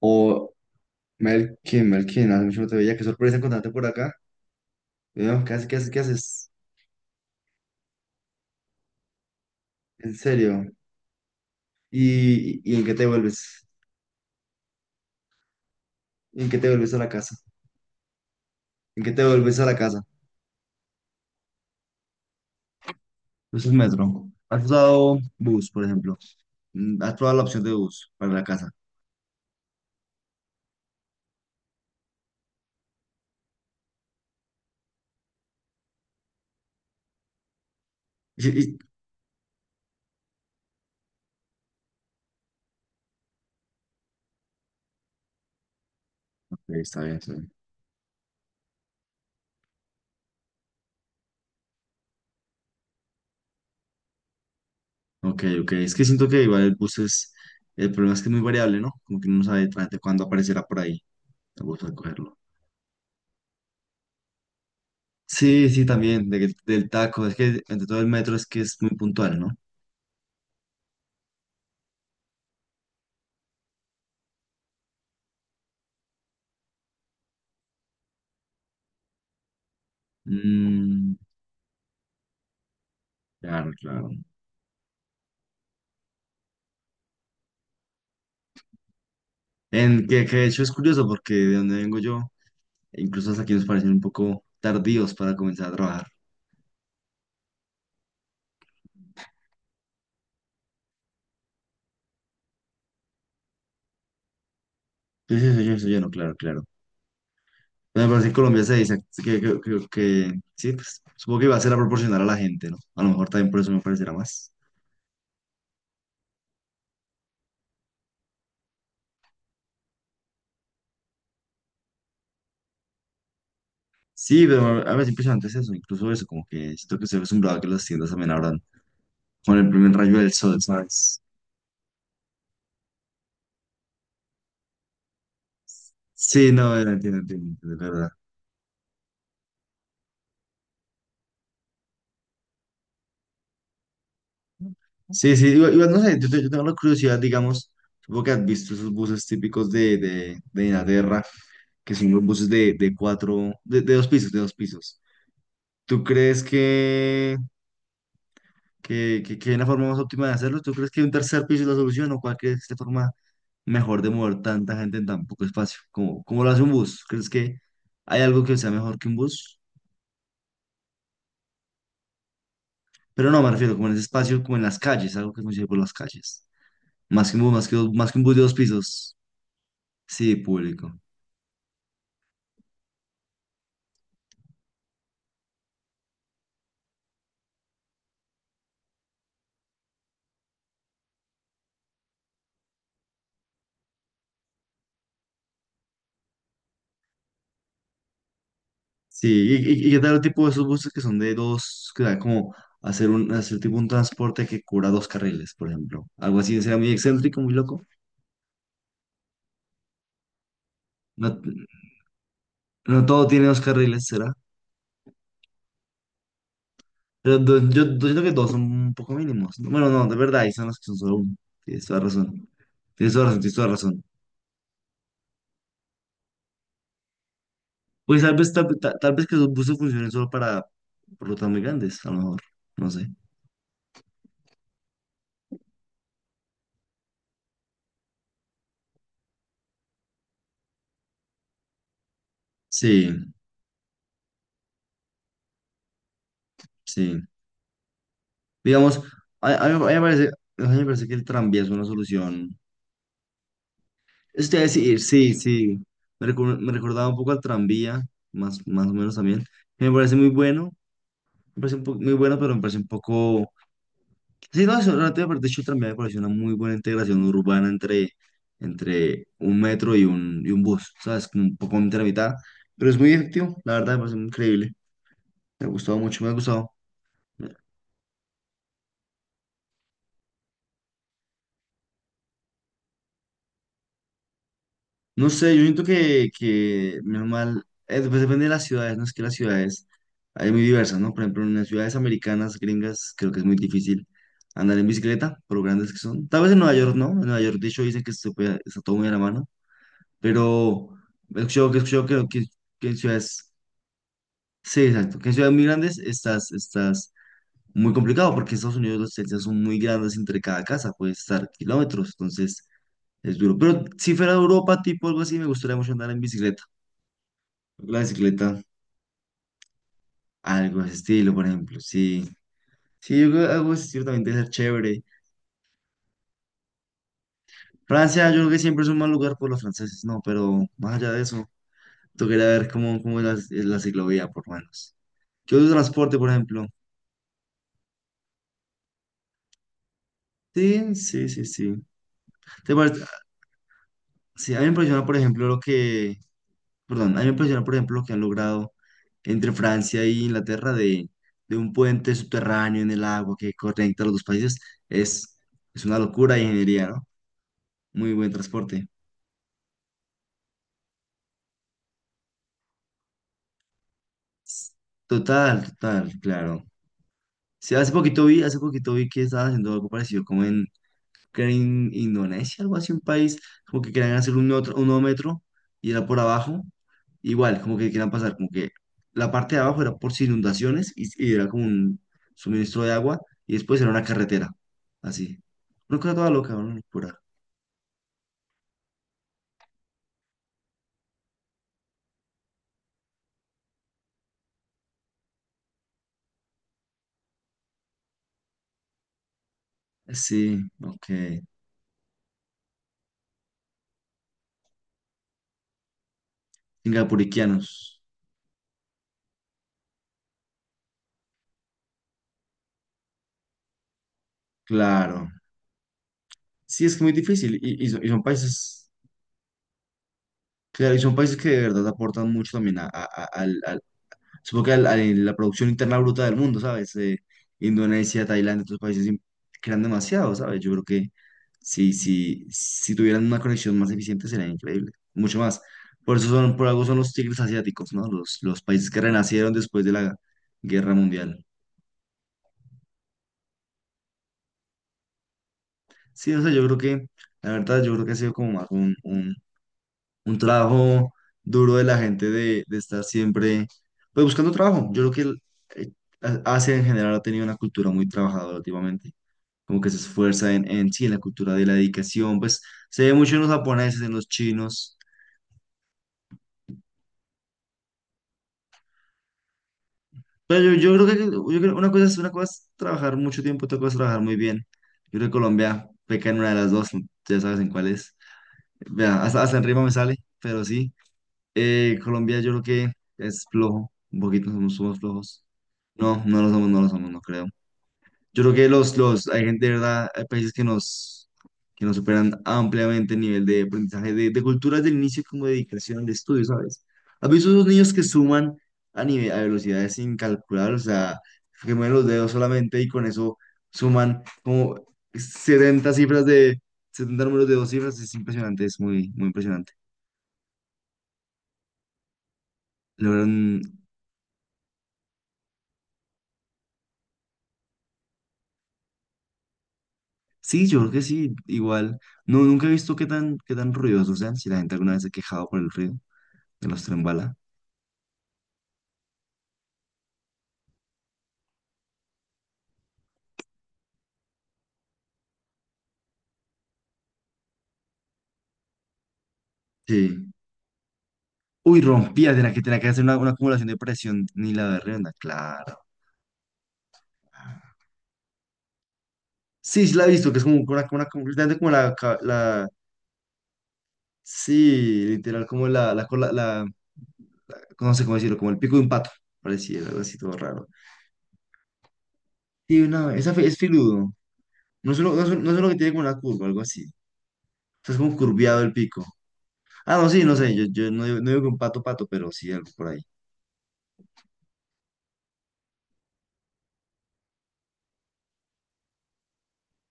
O Melkin, Melkin, hace mucho no te veía, qué sorpresa encontrarte por acá. Veo, ¿qué haces? ¿Qué haces? ¿Qué haces? En serio. ¿Y en qué te vuelves? ¿En qué te vuelves a la casa? ¿En qué te vuelves a la casa? Pues el metro. ¿Has usado bus, por ejemplo? Mm, ¿has probado la opción de bus para la casa? Y- y- Ok, está bien, está bien. Ok, ok. Es que siento que igual el bus es... El problema es que es muy variable, ¿no? Como que uno no sabe exactamente cuándo aparecerá por ahí. Me gusta cogerlo. Sí, sí, también, del taco. Es que entre todo el metro es que es muy puntual, ¿no? Mm, claro, claro. En que de hecho es curioso porque de donde vengo yo, incluso hasta aquí nos parecen un poco tardíos para comenzar a trabajar. Sí, sí, sí, eso ya no, claro, claro. Bueno, pero me parece que en Colombia se dice sí, pues supongo que va a ser a proporcionar a la gente, ¿no? A lo mejor también por eso me parecerá más. Sí, pero a mí es impresionante es eso, incluso eso, como que siento que estoy acostumbrado a que las tiendas también abran con el primer rayo del sol, ¿sabes? Sí, no, entiendo, entiendo, entiendo, es verdad. Sí, sí, igual, igual, no sé, yo, yo tengo la curiosidad, digamos, supongo que has visto esos buses típicos de, de Inglaterra, que son los buses de dos pisos, de dos pisos. ¿Tú crees que, hay una forma más óptima de hacerlo? ¿Tú crees que un tercer piso es la solución o cuál crees que es la forma mejor de mover tanta gente en tan poco espacio? ¿Cómo lo hace un bus? ¿Crees que hay algo que sea mejor que un bus? Pero no, me refiero como en ese espacio, como en las calles, algo que funcione por las calles. Más que un bus, más que, más que un bus de dos pisos. Sí, público. Sí, y qué tal el tipo de esos buses que son de dos, que da como hacer un, hacer tipo un transporte que cubra dos carriles, por ejemplo. Algo así, será muy excéntrico, muy loco. No, no todo tiene dos carriles, será. Pero yo, yo siento que dos son un poco mínimos. No, bueno, no, de verdad, ahí son los que son solo uno. Tienes toda razón. Tienes toda razón, tienes toda razón. Pues tal vez, tal vez que esos buses funcionen solo para rutas muy grandes, a lo mejor. No sé. Sí, sí. Digamos, a mí a mí me parece, a mí me parece que el tranvía es una solución. Eso te iba a decir, sí, sí. Me recordaba un poco al tranvía, más o menos también. Me parece muy bueno, me parece muy bueno, pero me parece un poco... Sí, no, eso, realmente me parece, de hecho, el tranvía me parece una muy buena integración urbana entre, entre un metro y un bus, ¿sabes? Como un poco entre la mitad, pero es muy efectivo, la verdad, me parece increíble. Me ha gustado mucho, me ha gustado. No sé, yo siento que menos mal, pues depende de las ciudades, ¿no? Es que las ciudades hay muy diversas, ¿no? Por ejemplo, en las ciudades americanas, gringas, creo que es muy difícil andar en bicicleta, por lo grandes que son. Tal vez en Nueva York, ¿no? En Nueva York, de hecho, dicen que se está todo muy a la mano, pero he escuchado que en ciudades, sí, exacto, que en ciudades muy grandes estás, estás muy complicado, porque en Estados Unidos las distancias son muy grandes entre cada casa, puedes estar kilómetros, entonces es duro. Pero si fuera Europa, tipo algo así, me gustaría mucho andar en bicicleta. La bicicleta, algo de ese estilo, por ejemplo, sí. Sí, yo creo que algo ciertamente ser chévere. Francia, yo creo que siempre es un mal lugar por los franceses, no, pero más allá de eso, tocaría ver cómo, cómo es la ciclovía, por lo menos. ¿Qué otro transporte, por ejemplo? Sí, sí, sí, sí. ¿Te parece- Sí, a mí me impresiona, por ejemplo, lo que, perdón, a mí me impresiona, por ejemplo, lo que han logrado entre Francia y Inglaterra de un puente subterráneo en el agua que conecta a los dos países. Es, es una locura de ingeniería, ¿no? Muy buen transporte. Total, total, claro. Sí, hace poquito vi que estaban haciendo algo parecido como en, creo en Indonesia, algo así, un país, como que querían hacer un, otro, un nuevo metro y era por abajo, igual, como que querían pasar, como que la parte de abajo era por si inundaciones y era como un suministro de agua y después era una carretera, así. Una cosa toda loca, una locura. Sí, ok. Singapuriquianos, claro. Sí, es que muy difícil y son y son países... Claro, y son países que de verdad aportan mucho también a, supongo que a la producción interna bruta del mundo, ¿sabes? Indonesia, Tailandia, otros países crean demasiado, ¿sabes? Yo creo que si tuvieran una conexión más eficiente sería increíble, mucho más. Por eso son, por algo son los tigres asiáticos, ¿no? Los países que renacieron después de la Guerra Mundial. Sí, o sea, yo creo que, la verdad, yo creo que ha sido como más un trabajo duro de la gente de estar siempre, pues buscando trabajo. Yo creo que eh, Asia en general ha tenido una cultura muy trabajadora últimamente, como que se esfuerza en sí, en la cultura de la dedicación, pues se ve mucho en los japoneses, en los chinos, pero yo creo que una cosa es trabajar mucho tiempo, otra cosa es trabajar muy bien. Yo creo que Colombia peca en una de las dos, ya sabes en cuál es. Vea, hasta, hasta en rima me sale, pero sí. Colombia yo creo que es flojo, un poquito somos, somos flojos. No, no lo somos, no lo somos, no creo. Yo creo que hay gente de verdad, hay países que nos superan ampliamente el nivel de aprendizaje, de culturas del inicio como de dedicación de estudio, ¿sabes? ¿Has visto esos niños que suman a nivel, a velocidades sin calcular? O sea, que mueven los dedos solamente y con eso suman como 70 cifras de, 70 números de dos cifras, es impresionante, es muy, muy impresionante. Logran. Sí, yo creo que sí, igual. No, nunca he visto qué tan ruidosos sean, si la gente alguna vez se ha quejado por el ruido de los tren bala. Sí. Uy, rompía, tenía que hacer una acumulación de presión, ni la berrenda, claro. Sí, sí la he visto, que es como una, literalmente como la, la, sí, literal, como la, la, no sé cómo decirlo, como el pico de un pato, parecía, algo así todo raro. Sí, no, esa es filudo, no es uno, no es uno, no es uno que tiene como una curva, algo así, o sea, es como curviado el pico. Ah, no, sí, no sé, yo no, digo, no digo que un pato pato, pero sí algo por ahí.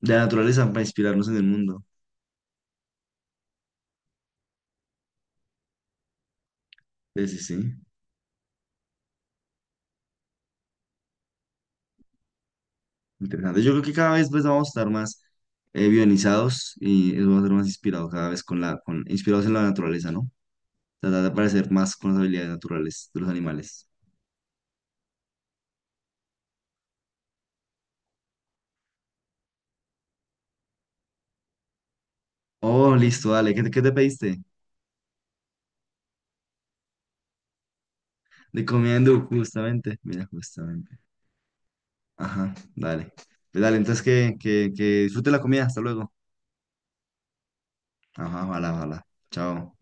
De la naturaleza para inspirarnos en el mundo. Sí, sí, sí, interesante. Yo creo que cada vez pues, vamos a estar más bionizados y eso va a ser más inspirado cada vez con la, con, inspirados en la naturaleza, ¿no? Tratar de parecer más con las habilidades naturales de los animales. Oh, listo, dale. ¿Qué, qué te pediste? De comida hindú, justamente. Mira, justamente. Ajá, dale. Pues dale, entonces que disfrute la comida. Hasta luego. Ajá, ojalá, ojalá. Chao.